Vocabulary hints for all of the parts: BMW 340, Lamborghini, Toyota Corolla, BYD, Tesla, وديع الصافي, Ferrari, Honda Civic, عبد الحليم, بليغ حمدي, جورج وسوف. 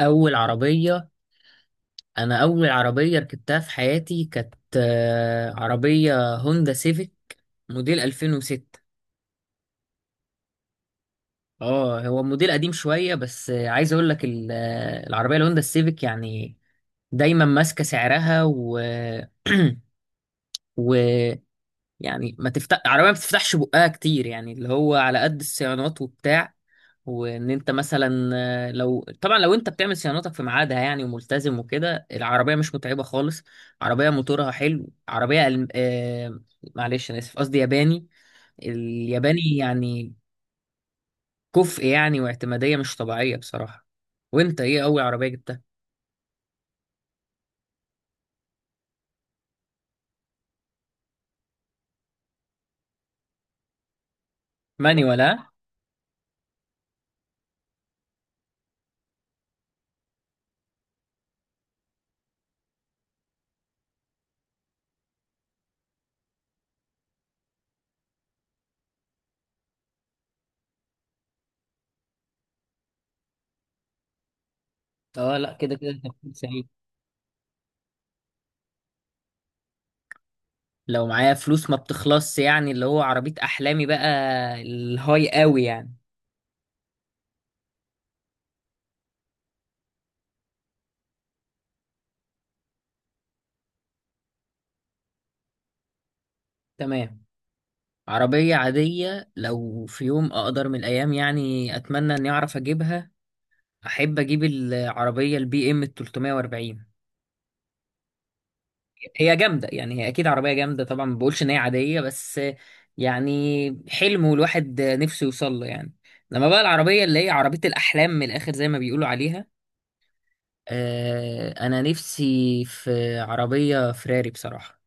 اول عربيه انا اول عربيه ركبتها في حياتي كانت عربيه هوندا سيفيك موديل 2006. اه هو موديل قديم شويه، بس عايز اقول لك العربيه الهوندا السيفيك، يعني دايما ماسكه سعرها، و و يعني ما تفتح عربيه، ما بتفتحش بقها كتير، يعني اللي هو على قد الصيانات وبتاع. وان انت مثلا لو انت بتعمل صيانتك في ميعادها، يعني وملتزم وكده، العربيه مش متعبه خالص. عربيه موتورها حلو، عربيه معلش، انا اسف، قصدي ياباني. الياباني يعني كفء، يعني، واعتماديه مش طبيعيه بصراحه. وانت ايه اول عربيه جبتها؟ مانيوال، ها؟ اه، لا، كده كده تفكير سليم. لو معايا فلوس ما بتخلصش، يعني اللي هو عربيه احلامي بقى، الهاي قوي يعني. تمام. عربية عادية، لو في يوم أقدر من الأيام، يعني أتمنى إني أعرف أجيبها، أحب أجيب العربية البي إم 340. هي جامدة يعني، هي أكيد عربية جامدة طبعا، ما بقولش إن هي عادية، بس يعني حلم، والواحد نفسه يوصل له يعني. لما بقى العربية اللي هي عربية الأحلام من الآخر، زي ما بيقولوا عليها، أنا نفسي في عربية فراري بصراحة.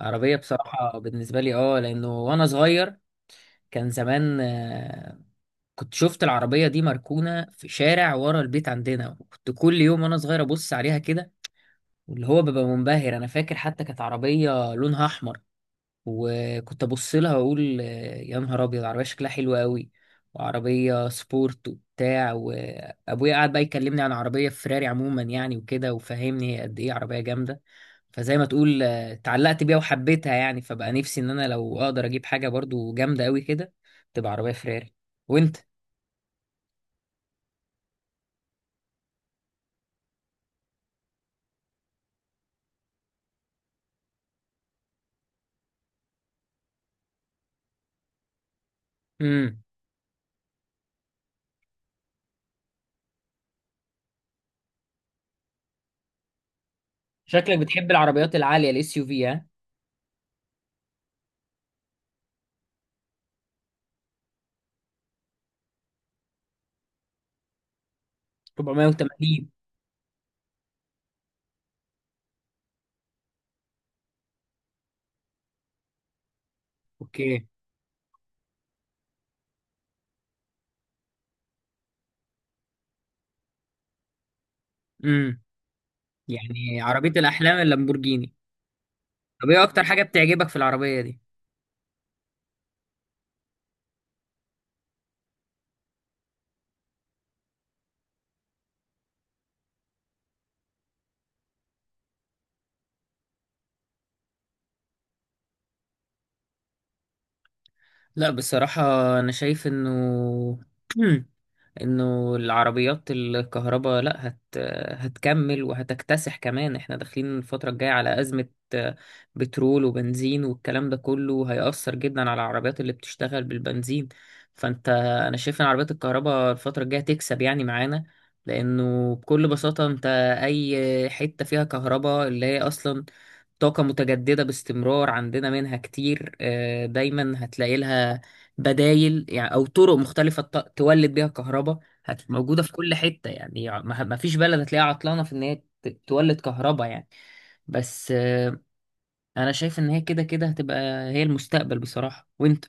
عربية بصراحة بالنسبة لي، لأنه وأنا صغير كان زمان كنت شفت العربية دي مركونة في شارع ورا البيت عندنا، وكنت كل يوم وأنا صغير أبص عليها كده، واللي هو ببقى منبهر. أنا فاكر حتى كانت عربية لونها أحمر، وكنت أبص لها وأقول يا نهار أبيض، عربية شكلها حلو قوي وعربية سبورت وبتاع. وأبويا قعد بقى يكلمني عن عربية فراري عموما يعني، وكده، وفهمني هي قد إيه عربية جامدة. فزي ما تقول اتعلقت بيها وحبيتها يعني، فبقى نفسي إن أنا لو أقدر أجيب حاجة برضو جامدة قوي كده، تبقى عربية فراري. وأنت؟ شكلك بتحب العربيات العالية، الـ SUV، ها؟ 480. اوكي. امم. يعني عربية الأحلام اللامبورجيني. طب ايه أكتر حاجة بتعجبك في العربية دي؟ لا بصراحة، أنا شايف إنه انه العربيات الكهرباء، لا هتكمل وهتكتسح كمان. احنا داخلين الفترة الجاية على أزمة آه، بترول وبنزين، والكلام ده كله هيأثر جدا على العربيات اللي بتشتغل بالبنزين. فانت انا شايف ان عربيات الكهرباء الفترة الجاية تكسب يعني معانا، لانه بكل بساطة انت، اي حتة فيها كهرباء اللي هي اصلا طاقة متجددة باستمرار، عندنا منها كتير، دايما هتلاقي لها بدايل، يعني أو طرق مختلفة تولد بيها كهرباء. موجودة في كل حتة يعني، ما فيش بلد هتلاقيها عطلانة في إن هي تولد كهرباء يعني. بس أنا شايف إن هي كده كده هتبقى هي المستقبل بصراحة. وأنت؟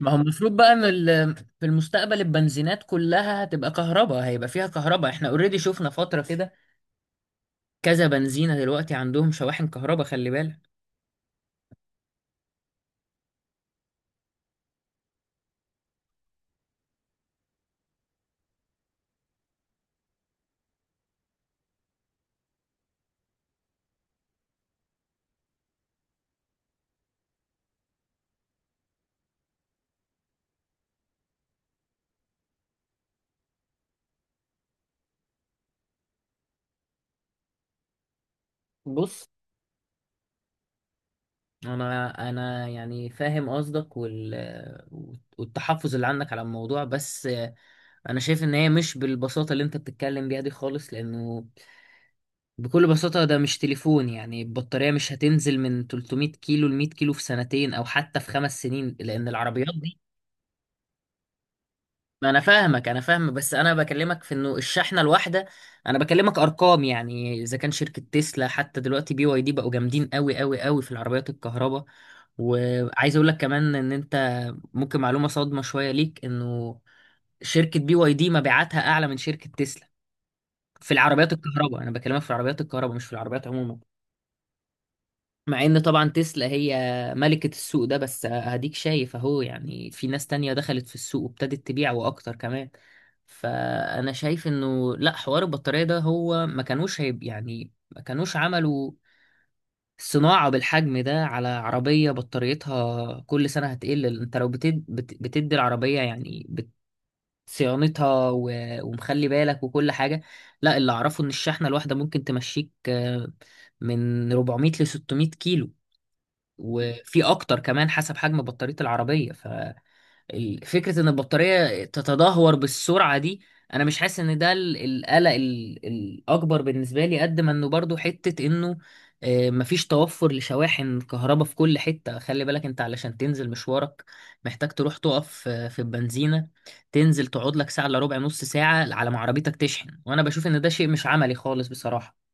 ما هو المفروض بقى ان في المستقبل البنزينات كلها هتبقى كهرباء، هيبقى فيها كهرباء. احنا اوريدي شفنا فترة كده، كذا بنزينة دلوقتي عندهم شواحن كهرباء، خلي بالك. بص، انا يعني فاهم قصدك والتحفظ اللي عندك على الموضوع، بس انا شايف ان هي مش بالبساطه اللي انت بتتكلم بيها دي خالص، لانه بكل بساطه ده مش تليفون يعني. البطاريه مش هتنزل من 300 كيلو ل 100 كيلو في 2 سنين، او حتى في 5 سنين، لان العربيات، ما انا فاهمك، انا فاهم، بس انا بكلمك في انه الشحنه الواحده، انا بكلمك ارقام يعني. اذا كان شركه تسلا حتى دلوقتي، BYD بقوا جامدين قوي قوي قوي في العربيات الكهرباء. وعايز اقول لك كمان ان انت، ممكن معلومه صادمه شويه ليك، انه شركه بي واي دي مبيعاتها اعلى من شركه تسلا في العربيات الكهرباء. انا بكلمك في العربيات الكهرباء، مش في العربيات عموما. مع ان طبعا تسلا هي ملكة السوق ده، بس هديك شايف اهو، يعني في ناس تانية دخلت في السوق وابتدت تبيع، واكتر كمان. فانا شايف انه لا، حوار البطارية ده هو ما كانوش عملوا صناعة بالحجم ده على عربية بطاريتها كل سنة هتقل. انت لو بتدي العربية، يعني صيانتها و... ومخلي بالك وكل حاجة. لا، اللي اعرفه ان الشحنة الواحدة ممكن تمشيك من 400 ل 600 كيلو، وفي اكتر كمان حسب حجم بطارية العربية. ففكرة ان البطارية تتدهور بالسرعة دي، انا مش حاسس ان ده القلق الاكبر بالنسبة لي، قد ما انه برضو حتة انه مفيش توفر لشواحن كهرباء في كل حتة. خلي بالك، انت علشان تنزل مشوارك محتاج تروح تقف في البنزينة، تنزل تقعد لك ساعة الا ربع، نص ساعة، على ما عربيتك تشحن، وانا بشوف ان ده شيء مش عملي خالص بصراحة.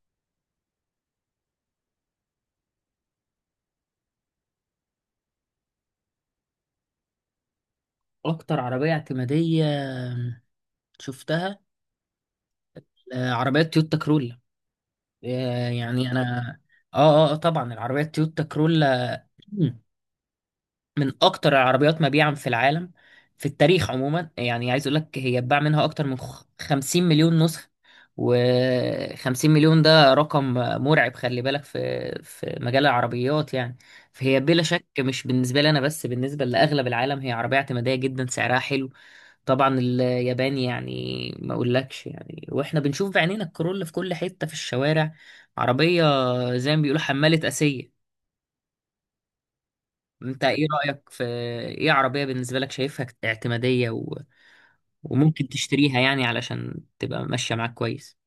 اكتر عربية اعتمادية شفتها عربيات تويوتا كرولا، يعني انا، اه، طبعا العربيات تويوتا كرولا من اكتر العربيات مبيعا في العالم، في التاريخ عموما. يعني عايز اقول لك هي اتباع منها اكتر من 50 مليون نسخة، و50 مليون ده رقم مرعب، خلي بالك، في مجال العربيات يعني. فهي بلا شك، مش بالنسبة لي انا بس، بالنسبة لاغلب العالم، هي عربية اعتمادية جدا، سعرها حلو، طبعا، اليابان يعني، ما اقولكش يعني. واحنا بنشوف بعينينا الكرول في كل حتة في الشوارع، عربية زي ما بيقولوا حمالة آسية. انت ايه رأيك في ايه عربية بالنسبة لك شايفها اعتمادية و... وممكن تشتريها يعني علشان تبقى ماشية معاك كويس؟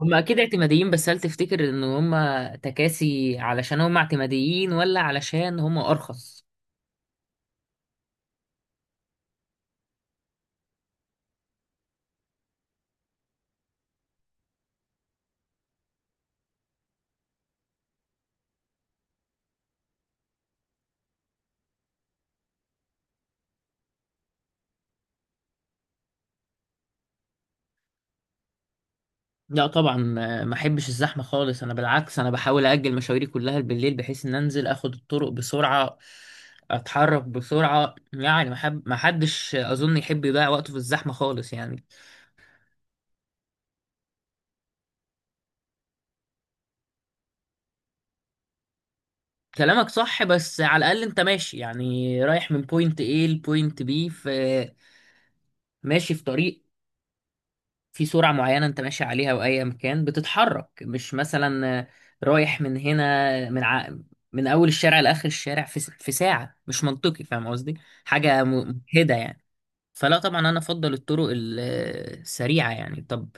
هم اكيد اعتماديين، بس هل تفتكر ان هم تكاسي علشان هم اعتماديين، ولا علشان هم ارخص؟ لا طبعا، ما احبش الزحمه خالص. انا بالعكس، انا بحاول اجل مشاويري كلها بالليل، بحيث ان انزل اخد الطرق بسرعه، اتحرك بسرعه يعني. ما حدش اظن يحب يضيع وقته في الزحمه خالص يعني. كلامك صح، بس على الاقل انت ماشي، يعني رايح من بوينت A لبوينت B، ماشي في طريق، في سرعة معينة انت ماشي عليها، واي مكان بتتحرك، مش مثلا رايح من هنا، من اول الشارع لاخر الشارع في ساعة، مش منطقي، فاهم قصدي؟ حاجة مجهدة يعني. فلا طبعا انا افضل الطرق السريعة يعني. طب،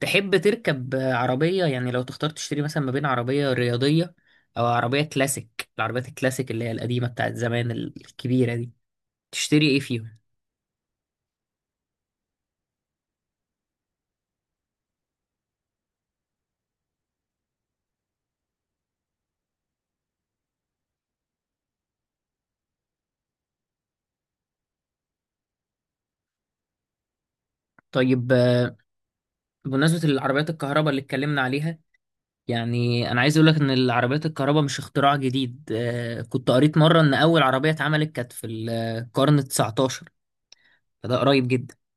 تحب تركب عربية، يعني لو تختار تشتري مثلا ما بين عربية رياضية او عربية كلاسيك، العربيات الكلاسيك اللي هي القديمة بتاعت زمان، الكبيرة دي، تشتري ايه فيهم؟ طيب، بمناسبة العربيات الكهرباء اللي اتكلمنا عليها، يعني انا عايز اقول لك ان العربيات الكهرباء مش اختراع جديد. كنت قريت مره ان اول عربيه اتعملت كانت في القرن 19، فده قريب جدا.